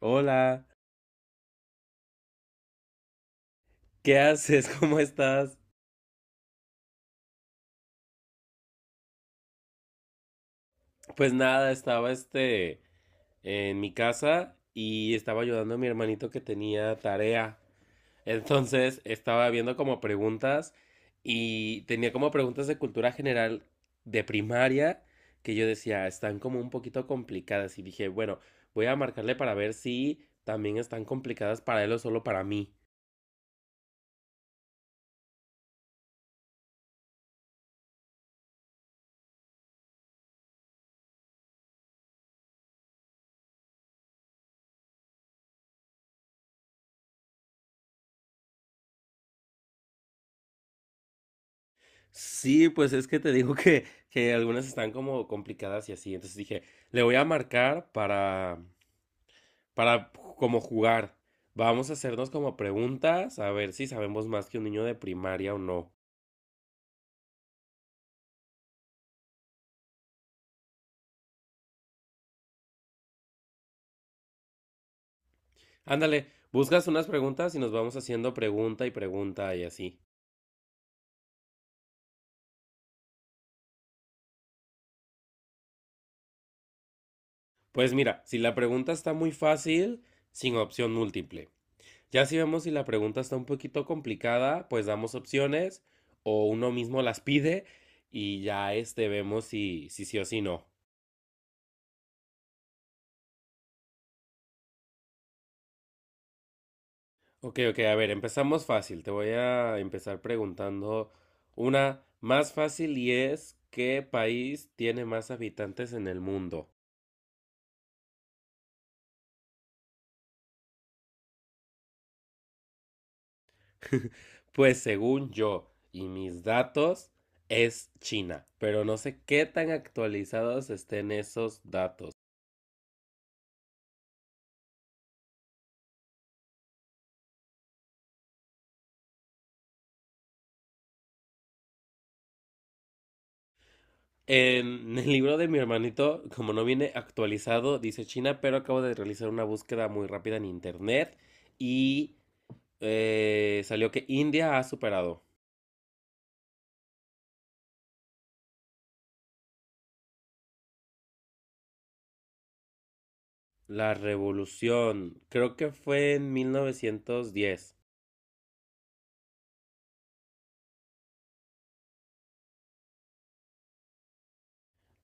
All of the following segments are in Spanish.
Hola, ¿qué haces? ¿Cómo estás? Pues nada, estaba en mi casa y estaba ayudando a mi hermanito que tenía tarea. Entonces estaba viendo como preguntas y tenía como preguntas de cultura general de primaria que yo decía, están como un poquito complicadas y dije, bueno, voy a marcarle para ver si también están complicadas para él o solo para mí. Sí, pues es que te digo que algunas están como complicadas y así. Entonces dije, le voy a marcar para como jugar. Vamos a hacernos como preguntas, a ver si sabemos más que un niño de primaria o no. Ándale, buscas unas preguntas y nos vamos haciendo pregunta y pregunta y así. Pues mira, si la pregunta está muy fácil, sin opción múltiple. Ya si vemos si la pregunta está un poquito complicada, pues damos opciones o uno mismo las pide y ya vemos si sí o si no. Ok, ok, a ver, empezamos fácil. Te voy a empezar preguntando una más fácil y es ¿qué país tiene más habitantes en el mundo? Pues según yo y mis datos es China, pero no sé qué tan actualizados estén esos datos. En el libro de mi hermanito, como no viene actualizado, dice China, pero acabo de realizar una búsqueda muy rápida en internet y salió que India ha superado. La revolución, creo que fue en 1910.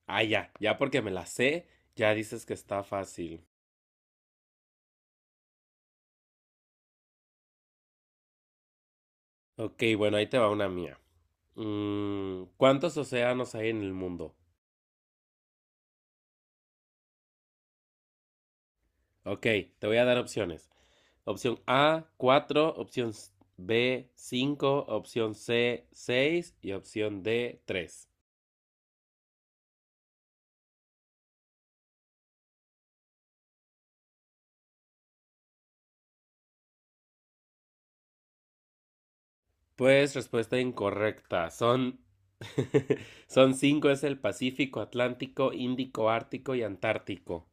Ah, ya, ya porque me la sé, ya dices que está fácil. Ok, bueno, ahí te va una mía. ¿Cuántos océanos hay en el mundo? Ok, te voy a dar opciones. Opción A, cuatro, opción B, cinco, opción C, seis, y opción D, tres. Pues respuesta incorrecta. Son son cinco: es el Pacífico, Atlántico, Índico, Ártico y Antártico.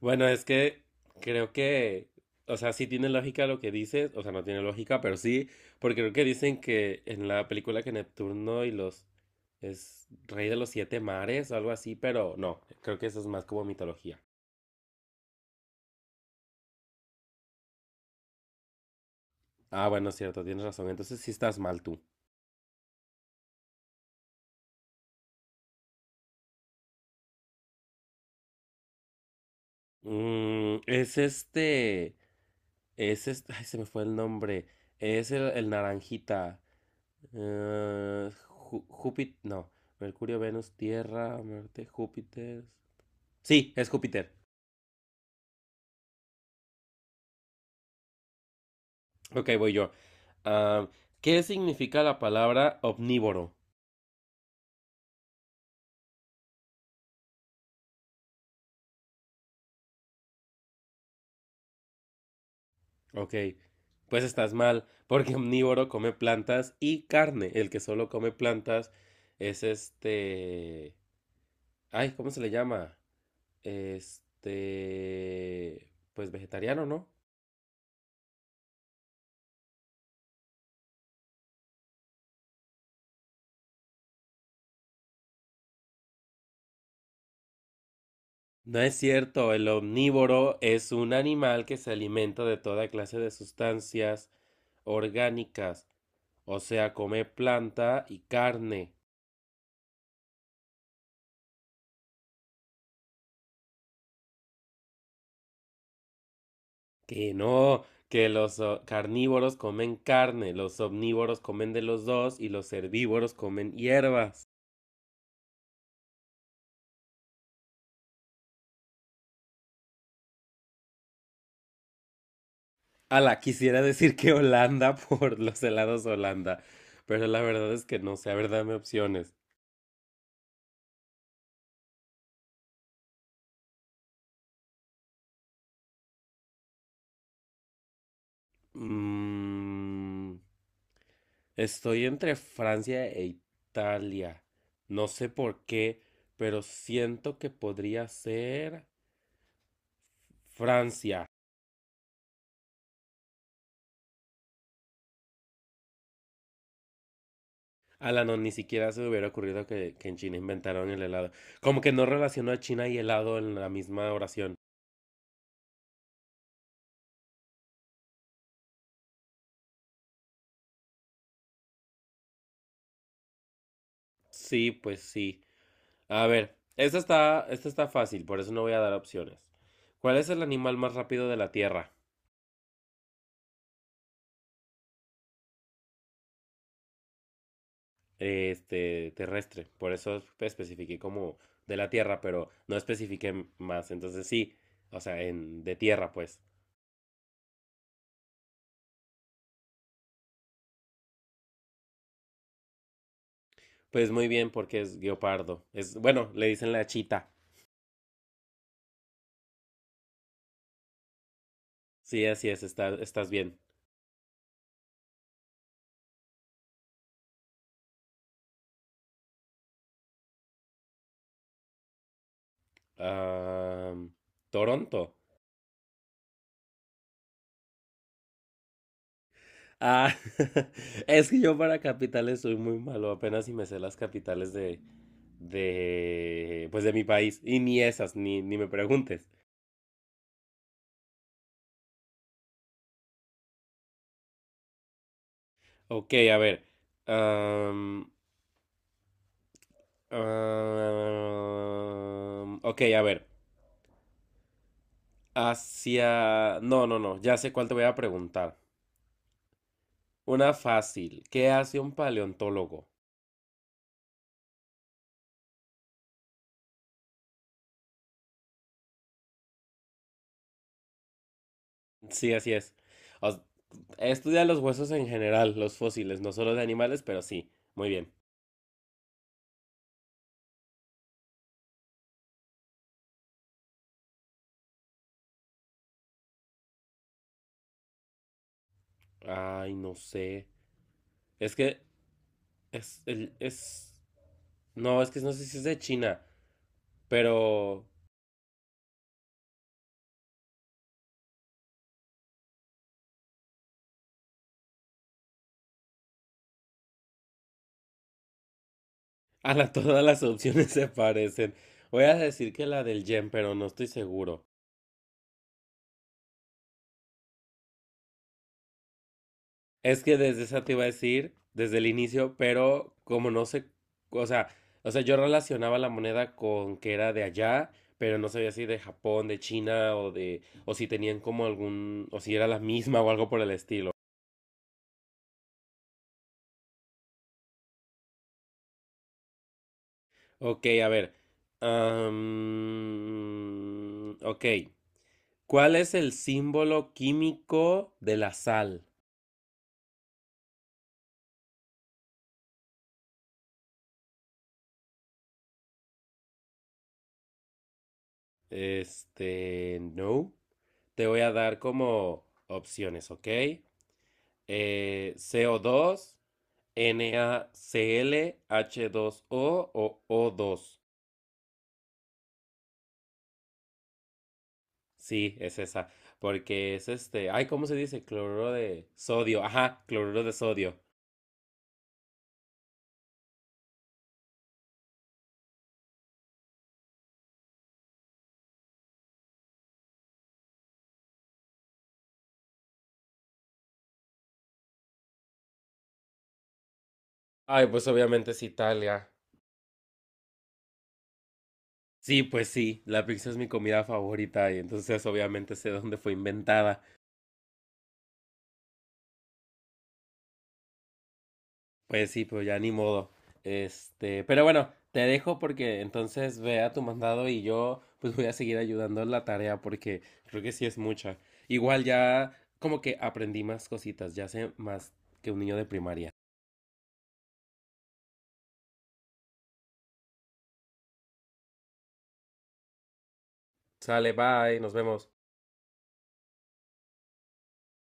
Bueno, es que creo que, o sea, sí tiene lógica lo que dices, o sea, no tiene lógica, pero sí, porque creo que dicen que en la película que Neptuno y los, es rey de los siete mares o algo así, pero no, creo que eso es más como mitología. Ah, bueno, cierto, tienes razón. Entonces sí estás mal tú. Es este. Es este. Ay, se me fue el nombre. Es el naranjita. Júpiter. No. Mercurio, Venus, Tierra, Marte, Júpiter. Sí, es Júpiter. Ok, voy yo. Ah, ¿qué significa la palabra omnívoro? Ok, pues estás mal, porque omnívoro come plantas y carne. El que solo come plantas es este. Ay, ¿cómo se le llama? Pues vegetariano, ¿no? No es cierto, el omnívoro es un animal que se alimenta de toda clase de sustancias orgánicas, o sea, come planta y carne. Que no, que los carnívoros comen carne, los omnívoros comen de los dos y los herbívoros comen hierbas. Ala, quisiera decir que Holanda por los helados Holanda, pero la verdad es que no sé, a ver, dame opciones. Mm, Estoy entre Francia e Italia. No sé por qué, pero siento que podría ser Francia. Ala, no, ni siquiera se me hubiera ocurrido que en China inventaron el helado. Como que no relacionó a China y helado en la misma oración. Sí, pues sí. A ver, esta está fácil, por eso no voy a dar opciones. ¿Cuál es el animal más rápido de la Tierra? Terrestre. Por eso especifiqué como de la tierra, pero no especifiqué más. Entonces sí, o sea, en, de tierra, pues. Pues muy bien, porque es guepardo. Es, bueno, le dicen la chita. Sí, así es, estás bien. Ah, Toronto. Ah, es que yo para capitales soy muy malo, apenas si me sé las capitales de, pues de mi país. Y ni esas, ni me preguntes. Ok, a ver. am, Ah, ok, a ver. No, no, no. Ya sé cuál te voy a preguntar. Una fácil. ¿Qué hace un paleontólogo? Sí, así es. O s- Estudia los huesos en general, los fósiles, no solo de animales, pero sí. Muy bien. Ay, no sé. Es que es el es no, es que no sé si es de China, pero a la, todas las opciones se parecen. Voy a decir que la del yen, pero no estoy seguro. Es que desde esa te iba a decir, desde el inicio, pero como no sé, o sea, o sea, yo relacionaba la moneda con que era de allá, pero no sabía si de Japón, de China o de, o si tenían como algún, o si era la misma o algo por el estilo. Ok, a ver. Ok. ¿Cuál es el símbolo químico de la sal? No. Te voy a dar como opciones, ¿ok? CO2, NaClH2O o O2. Sí, es esa. Porque es este. Ay, ¿cómo se dice? Cloruro de sodio. Ajá, cloruro de sodio. Ay, pues obviamente es Italia. Sí, pues sí, la pizza es mi comida favorita y entonces obviamente sé dónde fue inventada. Pues sí, pues ya ni modo. Pero bueno, te dejo porque entonces ve a tu mandado y yo pues voy a seguir ayudando en la tarea porque creo que sí es mucha. Igual ya como que aprendí más cositas, ya sé más que un niño de primaria. Sale, bye, nos vemos.